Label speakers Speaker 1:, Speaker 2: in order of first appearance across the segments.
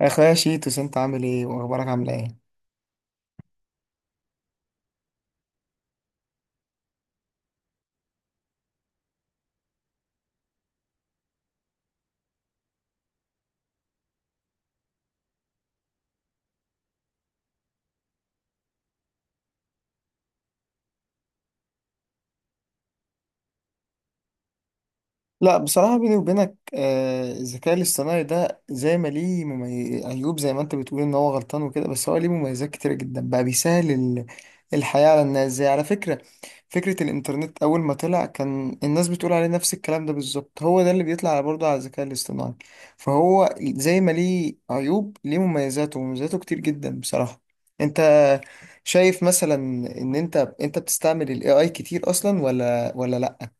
Speaker 1: يا اخويا شيتوس، انت عامل ايه واخبارك عامله ايه؟ لا بصراحة بيني وبينك الذكاء الاصطناعي ده زي ما ليه عيوب زي ما انت بتقول ان هو غلطان وكده، بس هو ليه مميزات كتيرة جدا. بقى بيسهل الحياة على الناس. زي على فكرة، فكرة الإنترنت أول ما طلع كان الناس بتقول عليه نفس الكلام ده بالظبط، هو ده اللي بيطلع على برضه على الذكاء الاصطناعي. فهو زي ما ليه عيوب ليه مميزاته، ومميزاته كتير جدا بصراحة. انت شايف مثلا ان انت بتستعمل الاي اي كتير اصلا ولا لا؟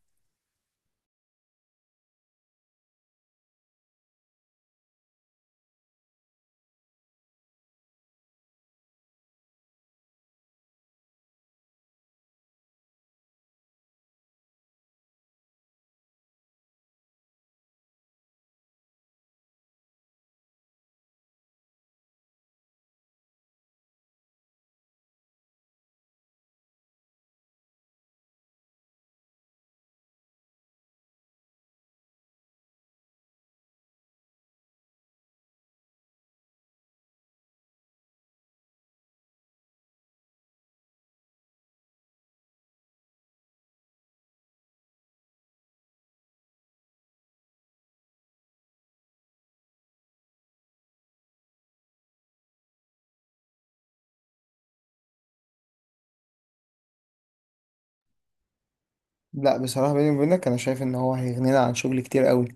Speaker 1: لا بصراحة بيني وبينك، أنا شايف إن هو هيغنينا عن شغل كتير قوي.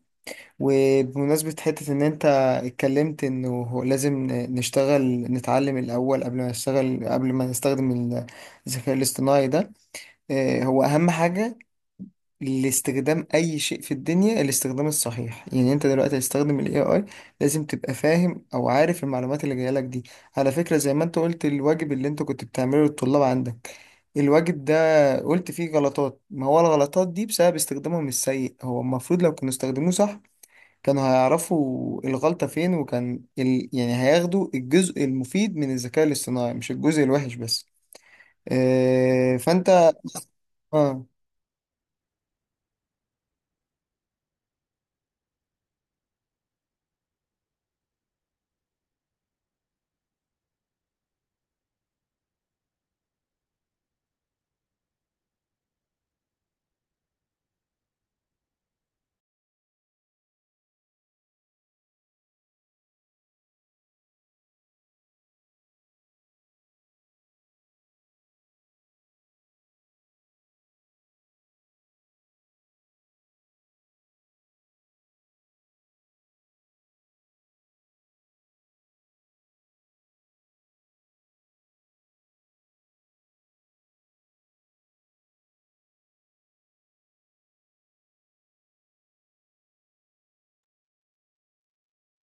Speaker 1: وبمناسبة حتة إن أنت اتكلمت إنه هو لازم نشتغل، نتعلم الأول قبل ما نشتغل، قبل ما نستخدم الذكاء الاصطناعي ده. هو أهم حاجة لاستخدام أي شيء في الدنيا الاستخدام الصحيح. يعني أنت دلوقتي هتستخدم ال AI، لازم تبقى فاهم أو عارف المعلومات اللي جاية لك دي. على فكرة، زي ما أنت قلت الواجب اللي أنت كنت بتعمله للطلاب عندك، الواجب ده قلت فيه غلطات، ما هو الغلطات دي بسبب استخدامهم السيء. هو المفروض لو كانوا استخدموه صح كانوا هيعرفوا الغلطة فين، وكان يعني هياخدوا الجزء المفيد من الذكاء الاصطناعي مش الجزء الوحش بس. آه فانت. آه.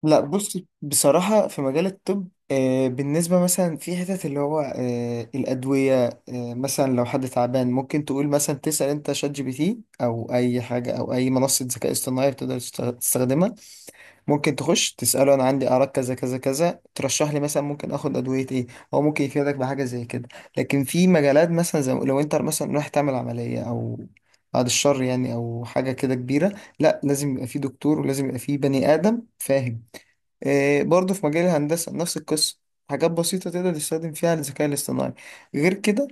Speaker 1: لا بص، بصراحة في مجال الطب، آه بالنسبة مثلا في حتت اللي هو آه الأدوية، آه مثلا لو حد تعبان ممكن تقول مثلا تسأل أنت شات جي بي تي أو أي حاجة أو أي منصة ذكاء اصطناعي بتقدر تستخدمها. ممكن تخش تسأله أنا عندي أعراض كذا كذا كذا، ترشح لي مثلا ممكن آخد أدوية إيه. هو ممكن يفيدك بحاجة زي كده. لكن في مجالات مثلا زي لو أنت مثلا رايح تعمل عملية أو بعد الشر يعني، أو حاجة كده كبيرة، لا لازم يبقى في دكتور ولازم يبقى في بني آدم فاهم. إيه برضه في مجال الهندسة نفس القصة، حاجات بسيطة تقدر تستخدم فيها الذكاء الاصطناعي. غير كده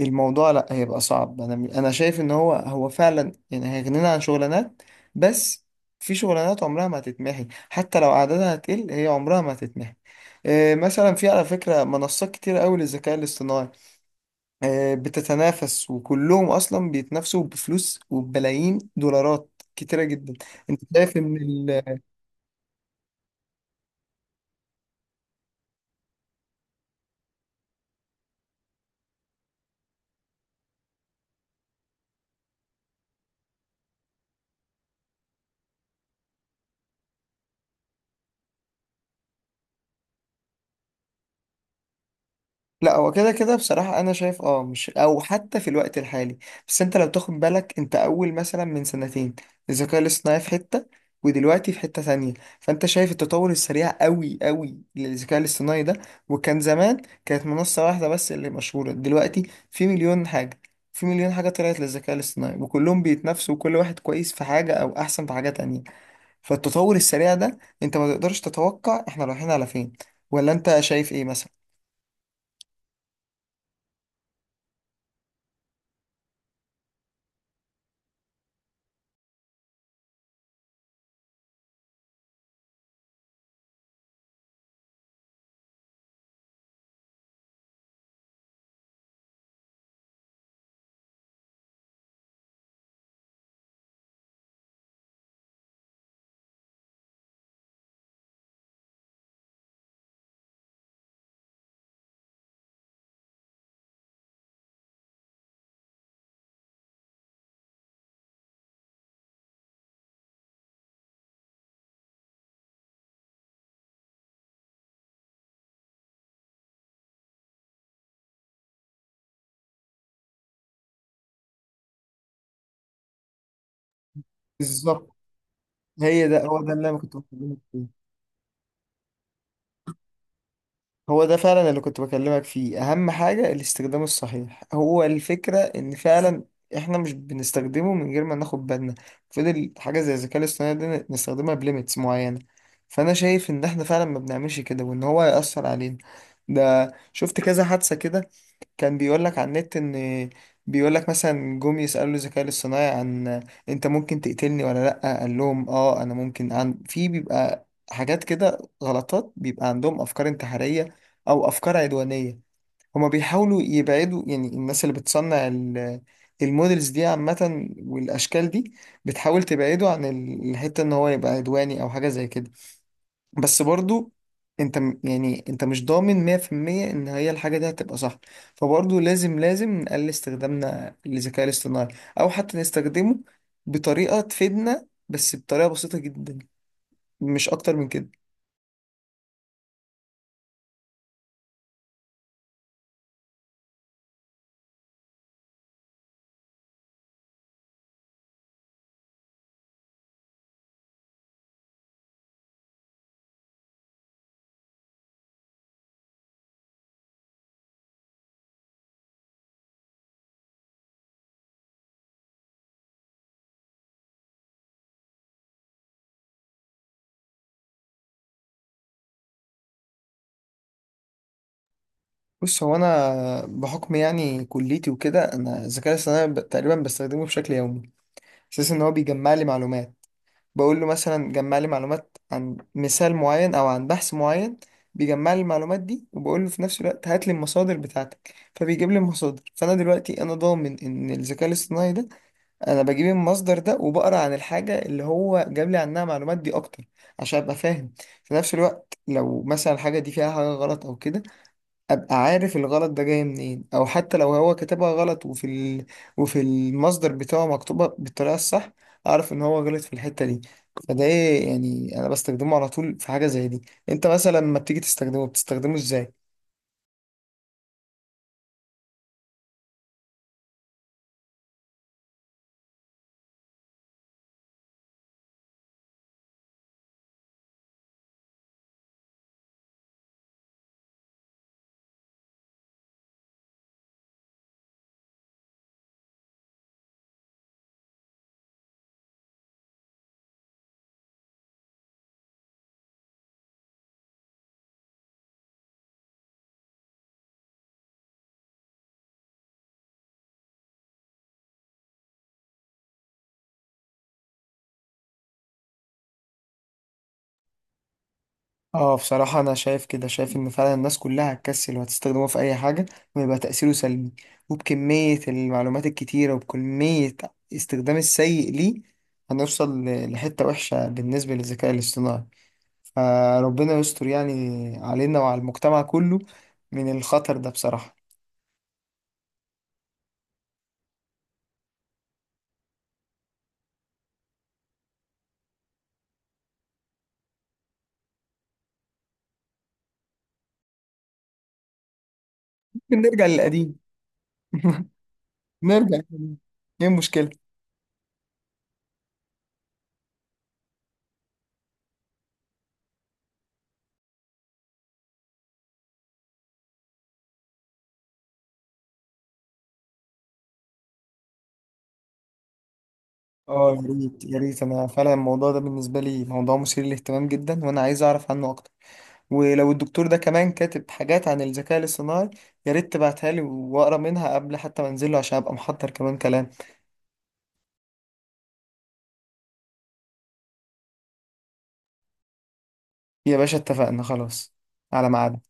Speaker 1: الموضوع لا هيبقى صعب. انا شايف ان هو فعلا يعني هيغنينا عن شغلانات، بس في شغلانات عمرها ما هتتمحي. حتى لو عددها هتقل، هي عمرها ما هتتمحي. إيه مثلا في على فكرة منصات كتير قوي للذكاء الاصطناعي، إيه بتتنافس وكلهم اصلا بيتنافسوا بفلوس وبملايين دولارات كتيرة جدا. انت شايف ان لا، هو كده كده بصراحة. أنا شايف أه، مش أو حتى في الوقت الحالي، بس أنت لو تاخد بالك أنت أول مثلا من سنتين الذكاء الاصطناعي في حتة ودلوقتي في حتة تانية. فأنت شايف التطور السريع أوي للذكاء الاصطناعي ده. وكان زمان كانت منصة واحدة بس اللي مشهورة، دلوقتي في مليون حاجة. في مليون حاجة طلعت للذكاء الاصطناعي وكلهم بيتنافسوا، وكل واحد كويس في حاجة أو أحسن في حاجة تانية. فالتطور السريع ده أنت ما تقدرش تتوقع إحنا رايحين على فين، ولا أنت شايف إيه مثلا؟ بالظبط، هي ده هو ده اللي انا كنت بكلمك فيه. هو ده فعلا اللي كنت بكلمك فيه، اهم حاجة الاستخدام الصحيح. هو الفكرة ان فعلا احنا مش بنستخدمه من غير ما ناخد بالنا. فضل حاجة زي الذكاء الاصطناعي ده نستخدمها بليميتس معينة. فانا شايف ان احنا فعلا ما بنعملش كده، وان هو هيأثر علينا. ده شفت كذا حادثة كده، كان بيقول لك على النت ان، بيقول لك مثلا جم يسألوا الذكاء الاصطناعي عن انت ممكن تقتلني ولا لأ، قال لهم اه انا ممكن. عن في بيبقى حاجات كده غلطات، بيبقى عندهم افكار انتحارية او افكار عدوانيه. هما بيحاولوا يبعدوا يعني، الناس اللي بتصنع المودلز دي عامه والاشكال دي بتحاول تبعده عن الحته ان هو يبقى عدواني او حاجه زي كده. بس برضو يعني انت مش ضامن 100% ان هي الحاجه دي هتبقى صح. فبرضو لازم نقلل استخدامنا للذكاء الاصطناعي، او حتى نستخدمه بطريقه تفيدنا بس بطريقه بسيطه جدا، مش اكتر من كده. بص، هو انا بحكم يعني كليتي وكده انا الذكاء الاصطناعي تقريبا بستخدمه بشكل يومي. اساس ان هو بيجمع لي معلومات، بقول له مثلا جمع لي معلومات عن مثال معين او عن بحث معين. بيجمع لي المعلومات دي وبقول له في نفس الوقت هات لي المصادر بتاعتك، فبيجيب لي المصادر. فانا دلوقتي انا ضامن ان الذكاء الاصطناعي ده، انا بجيب المصدر ده وبقرا عن الحاجه اللي هو جاب لي عنها معلومات دي اكتر عشان ابقى فاهم. في نفس الوقت لو مثلا الحاجه دي فيها حاجه غلط او كده، ابقى عارف الغلط ده جاي منين. او حتى لو هو كتبها غلط وفي وفي المصدر بتاعه مكتوبة بالطريقة الصح، اعرف ان هو غلط في الحتة دي. فده إيه يعني انا بستخدمه على طول في حاجة زي دي. انت مثلا لما بتيجي تستخدمه بتستخدمه ازاي؟ اه بصراحة انا شايف كده، شايف ان فعلا الناس كلها هتكسل وهتستخدمه في اي حاجة، ويبقى تأثيره سلبي. وبكمية المعلومات الكتيرة وبكمية استخدام السيء ليه، هنوصل لحتة وحشة بالنسبة للذكاء الاصطناعي. فربنا يستر يعني علينا وعلى المجتمع كله من الخطر ده بصراحة. ممكن نرجع للقديم نرجع للقديم. ايه المشكلة؟ اه، يا ريت انا فعلا الموضوع ده بالنسبة لي موضوع مثير للاهتمام جدا، وانا عايز اعرف عنه اكتر. ولو الدكتور ده كمان كاتب حاجات عن الذكاء الاصطناعي، يا ريت تبعتها لي واقرا منها قبل حتى ما انزله عشان ابقى محضر كمان كلام. يا باشا اتفقنا خلاص، على ميعاد.